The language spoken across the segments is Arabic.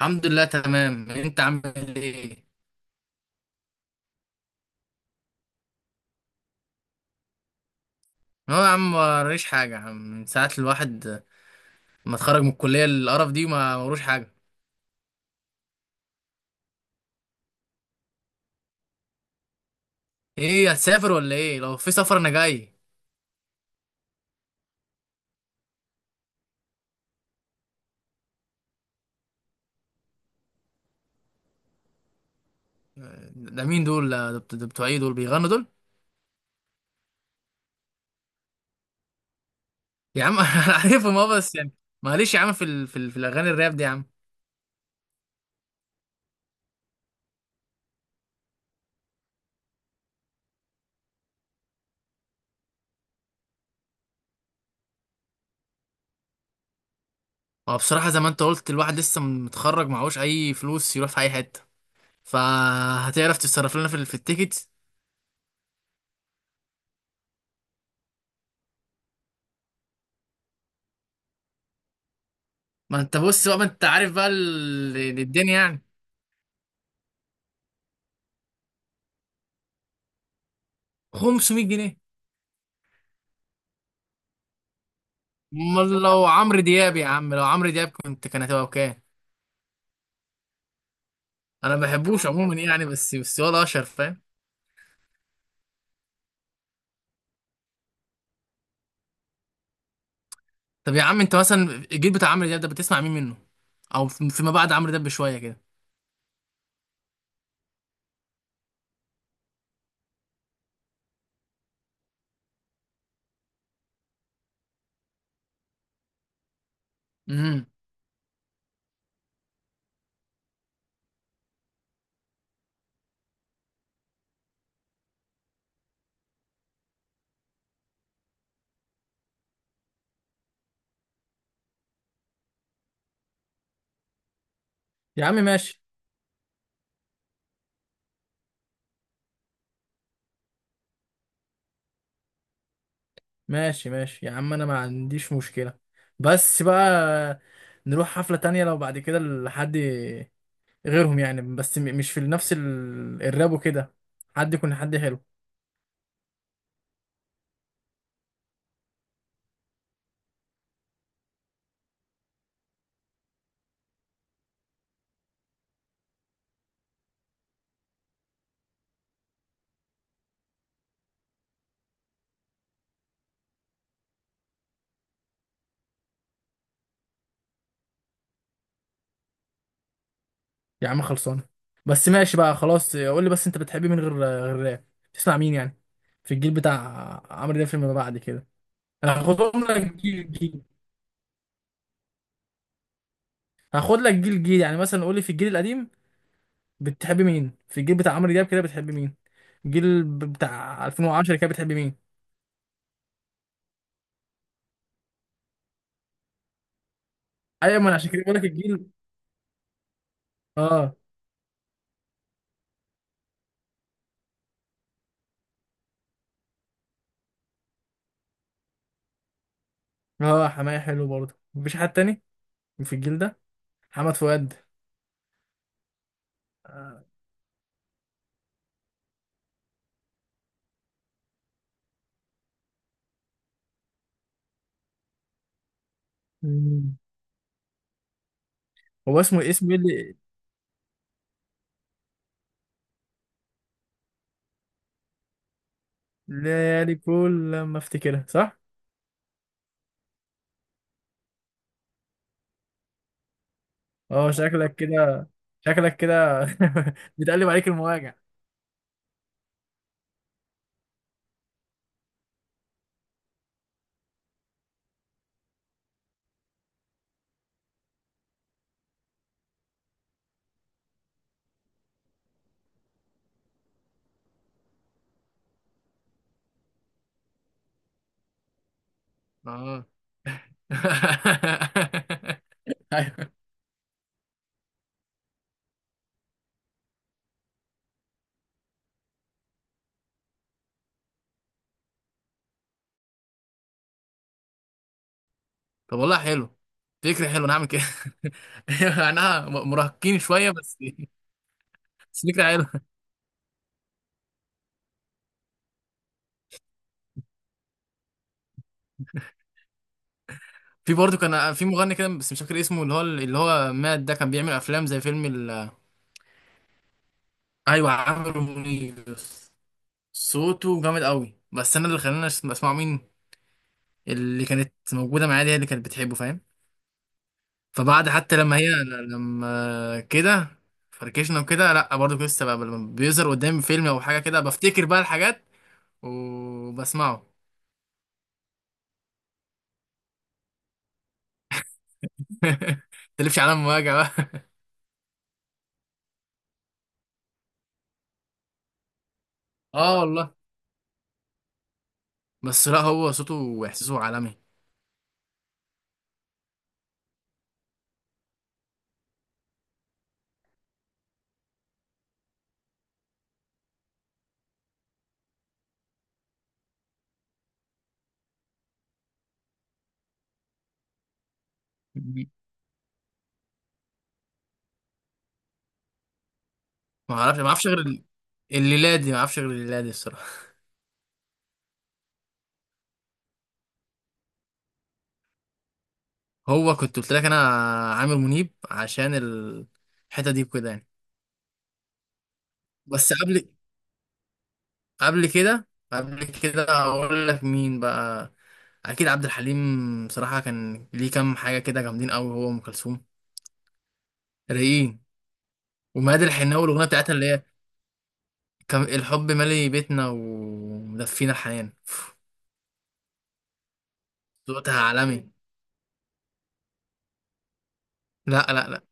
الحمد لله تمام، انت عامل ايه؟ هو يا عم موريش حاجه يا عم. من ساعه الواحد ما اتخرج من الكليه القرف دي ما وروش حاجه. ايه هتسافر ولا ايه؟ لو في سفر انا جاي. ده مين دول؟ ده بتوع ايه دول بيغنوا دول؟ يا عم انا عارفهم اه بس يعني معلش يا عم في الاغاني الراب دي يا عم. هو بصراحه زي ما انت قلت الواحد لسه متخرج معهوش اي فلوس يروح في اي حته، فهتعرف تتصرف لنا في التيكت. ما انت بص بقى، ما انت عارف بقى الدنيا يعني. 500 جنيه. امال لو عمرو دياب، يا عم لو عمرو دياب كنت كان هتبقى بكام؟ انا ما بحبوش عموما يعني، بس ولا اشهر، فاهم؟ طب يا عم انت مثلا الجيل بتاع عمرو دياب ده بتسمع مين منه؟ او فيما بعد عمرو دياب بشويه كده. امم يا عم ماشي. ماشي ماشي يا عم انا ما عنديش مشكله. بس بقى نروح حفله تانية لو بعد كده لحد غيرهم يعني، مش في نفس الراب وكده. حد يكون حد حلو. يا عم خلصانه. بس ماشي بقى خلاص، قول لي بس انت بتحب مين غير راب؟ تسمع مين يعني في الجيل بتاع عمرو دياب فيما بعد كده؟ هاخدهم لك جيل جيل. هاخد لك جيل جيل يعني، مثلا قول لي في الجيل القديم بتحب مين؟ في الجيل بتاع عمرو دياب كده بتحب مين؟ بتاع 2010 كده بتحب مين؟ ايوه ما انا عشان كده بقول لك الجيل. اه. اه حماية حلو برضه، مفيش حد تاني في الجيل ده؟ محمد فؤاد. آه. مم. هو اسمه ايه اللي؟ ليالي كل لما افتكرها صح. اه شكلك كده، شكلك كده، بتقلب عليك المواجع. اه. ايوه. طب والله حلو، فكرة حلوة، انا هعمل كده. انا مراهقين شوية بس، بس فكرة حلوة. في برضه كان في مغني كده بس مش فاكر اسمه، اللي هو مات ده، كان بيعمل افلام زي فيلم ايوه عامر منيب. صوته جامد قوي، بس انا اللي خلاني اسمعه مين؟ اللي كانت موجودة معايا دي، هي اللي كانت بتحبه فاهم. فبعد حتى لما هي، لما كده فركشنا وكده، لا برضه كنت لسه بقى لما بيظهر قدامي فيلم او حاجه كده بفتكر بقى الحاجات وبسمعه. تلفش على مواجع بقى. اه والله. بس لا هو صوته واحساسه عالمي. ما اعرفش، ما اعرفش غير ال- الليله دي، ما اعرفش غير الليله دي الصراحه. هو كنت قلت لك انا عامر منيب عشان الحته دي وكده يعني. بس قبل، قبل كده هقول لك مين بقى. اكيد عبد الحليم، بصراحه كان ليه كام حاجه كده جامدين قوي، هو وام كلثوم. رايقين. وماد الحناوي الاغنيه بتاعتها اللي هي كان الحب مالي بيتنا ومدفينا الحنان. صوتها عالمي. لا لا لا،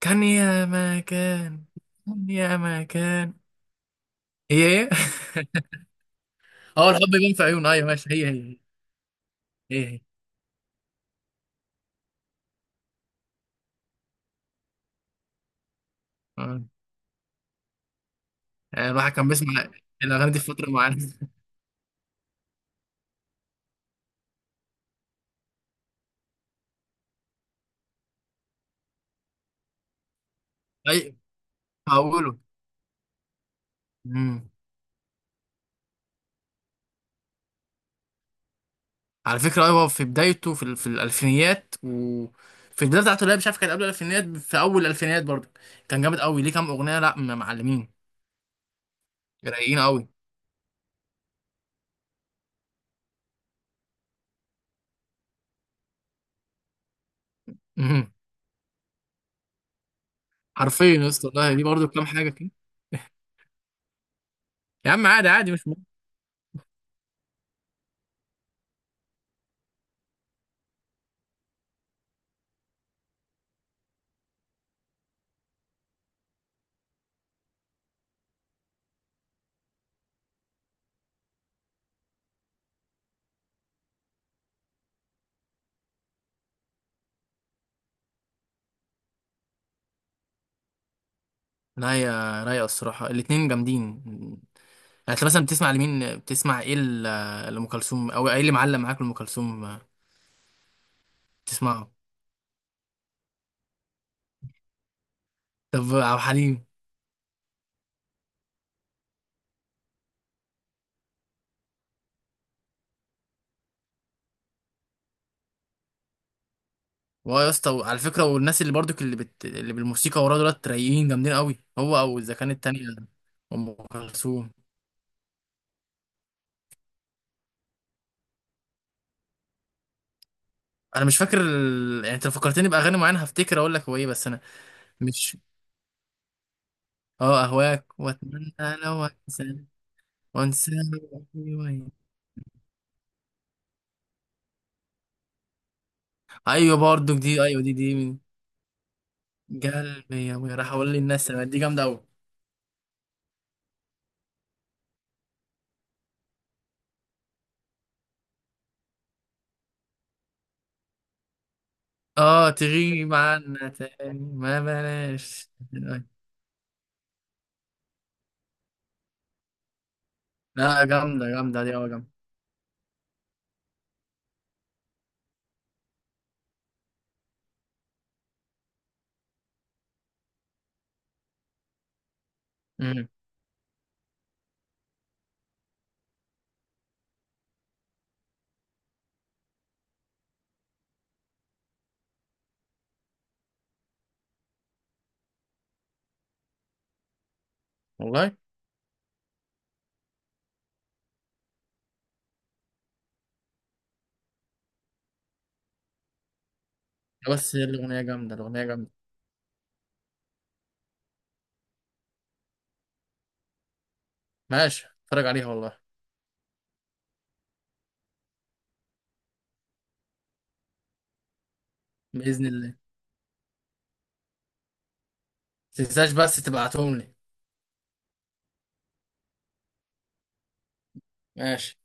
كان يا ما كان. كان يا ما كان. هي ايه؟ اه الحب يبان في عيون، ايوه ماشي هي هي. هي هي. آه. يعني الواحد كان بيسمع الاغاني دي في فتره معينه. اي. هقوله على فكرة، أيوة في بدايته في الألفينيات وفي البداية بتاعته، لا مش عارف كان قبل الألفينيات، في أول الألفينيات برضه كان جامد أوي، ليه كام أغنية لا م- معلمين. رايقين أوي. مهم. حرفيا يا اسطى والله ليه برضه كام حاجة كده. يا عم عادي، عادي مش مهم. لا يا رايقة الصراحة، الاتنين جامدين. يعني أنت مثلا بتسمع لمين؟ بتسمع إيه لأم كلثوم؟ أو إيه اللي معلم معاك لأم كلثوم بتسمعه؟ طب عبد الحليم؟ واه يا اسطى على فكره، والناس اللي برضك اللي بالموسيقى وراه دولت رايقين جامدين قوي، هو او اذا كانت التانيه ام كلثوم. انا مش فاكر يعني انت لو فكرتني باغاني معينه هفتكر اقول لك هو ايه، بس انا مش. اه اهواك واتمنى، لو انسى وانسى. وأهوي. ايوه برضك دي، ايوه دي من قلبي يا وي، راح اقول للناس أنا، دي جامده قوي. اه تغيب عنا تاني ما بلاش. لا جامده جامده دي، اه جامده. أمم. والله. بس هي الأغنية جامدة، الأغنية جامدة. ماشي اتفرج عليها والله. بإذن الله. متنساش بس تبعتهم لي. ماشي.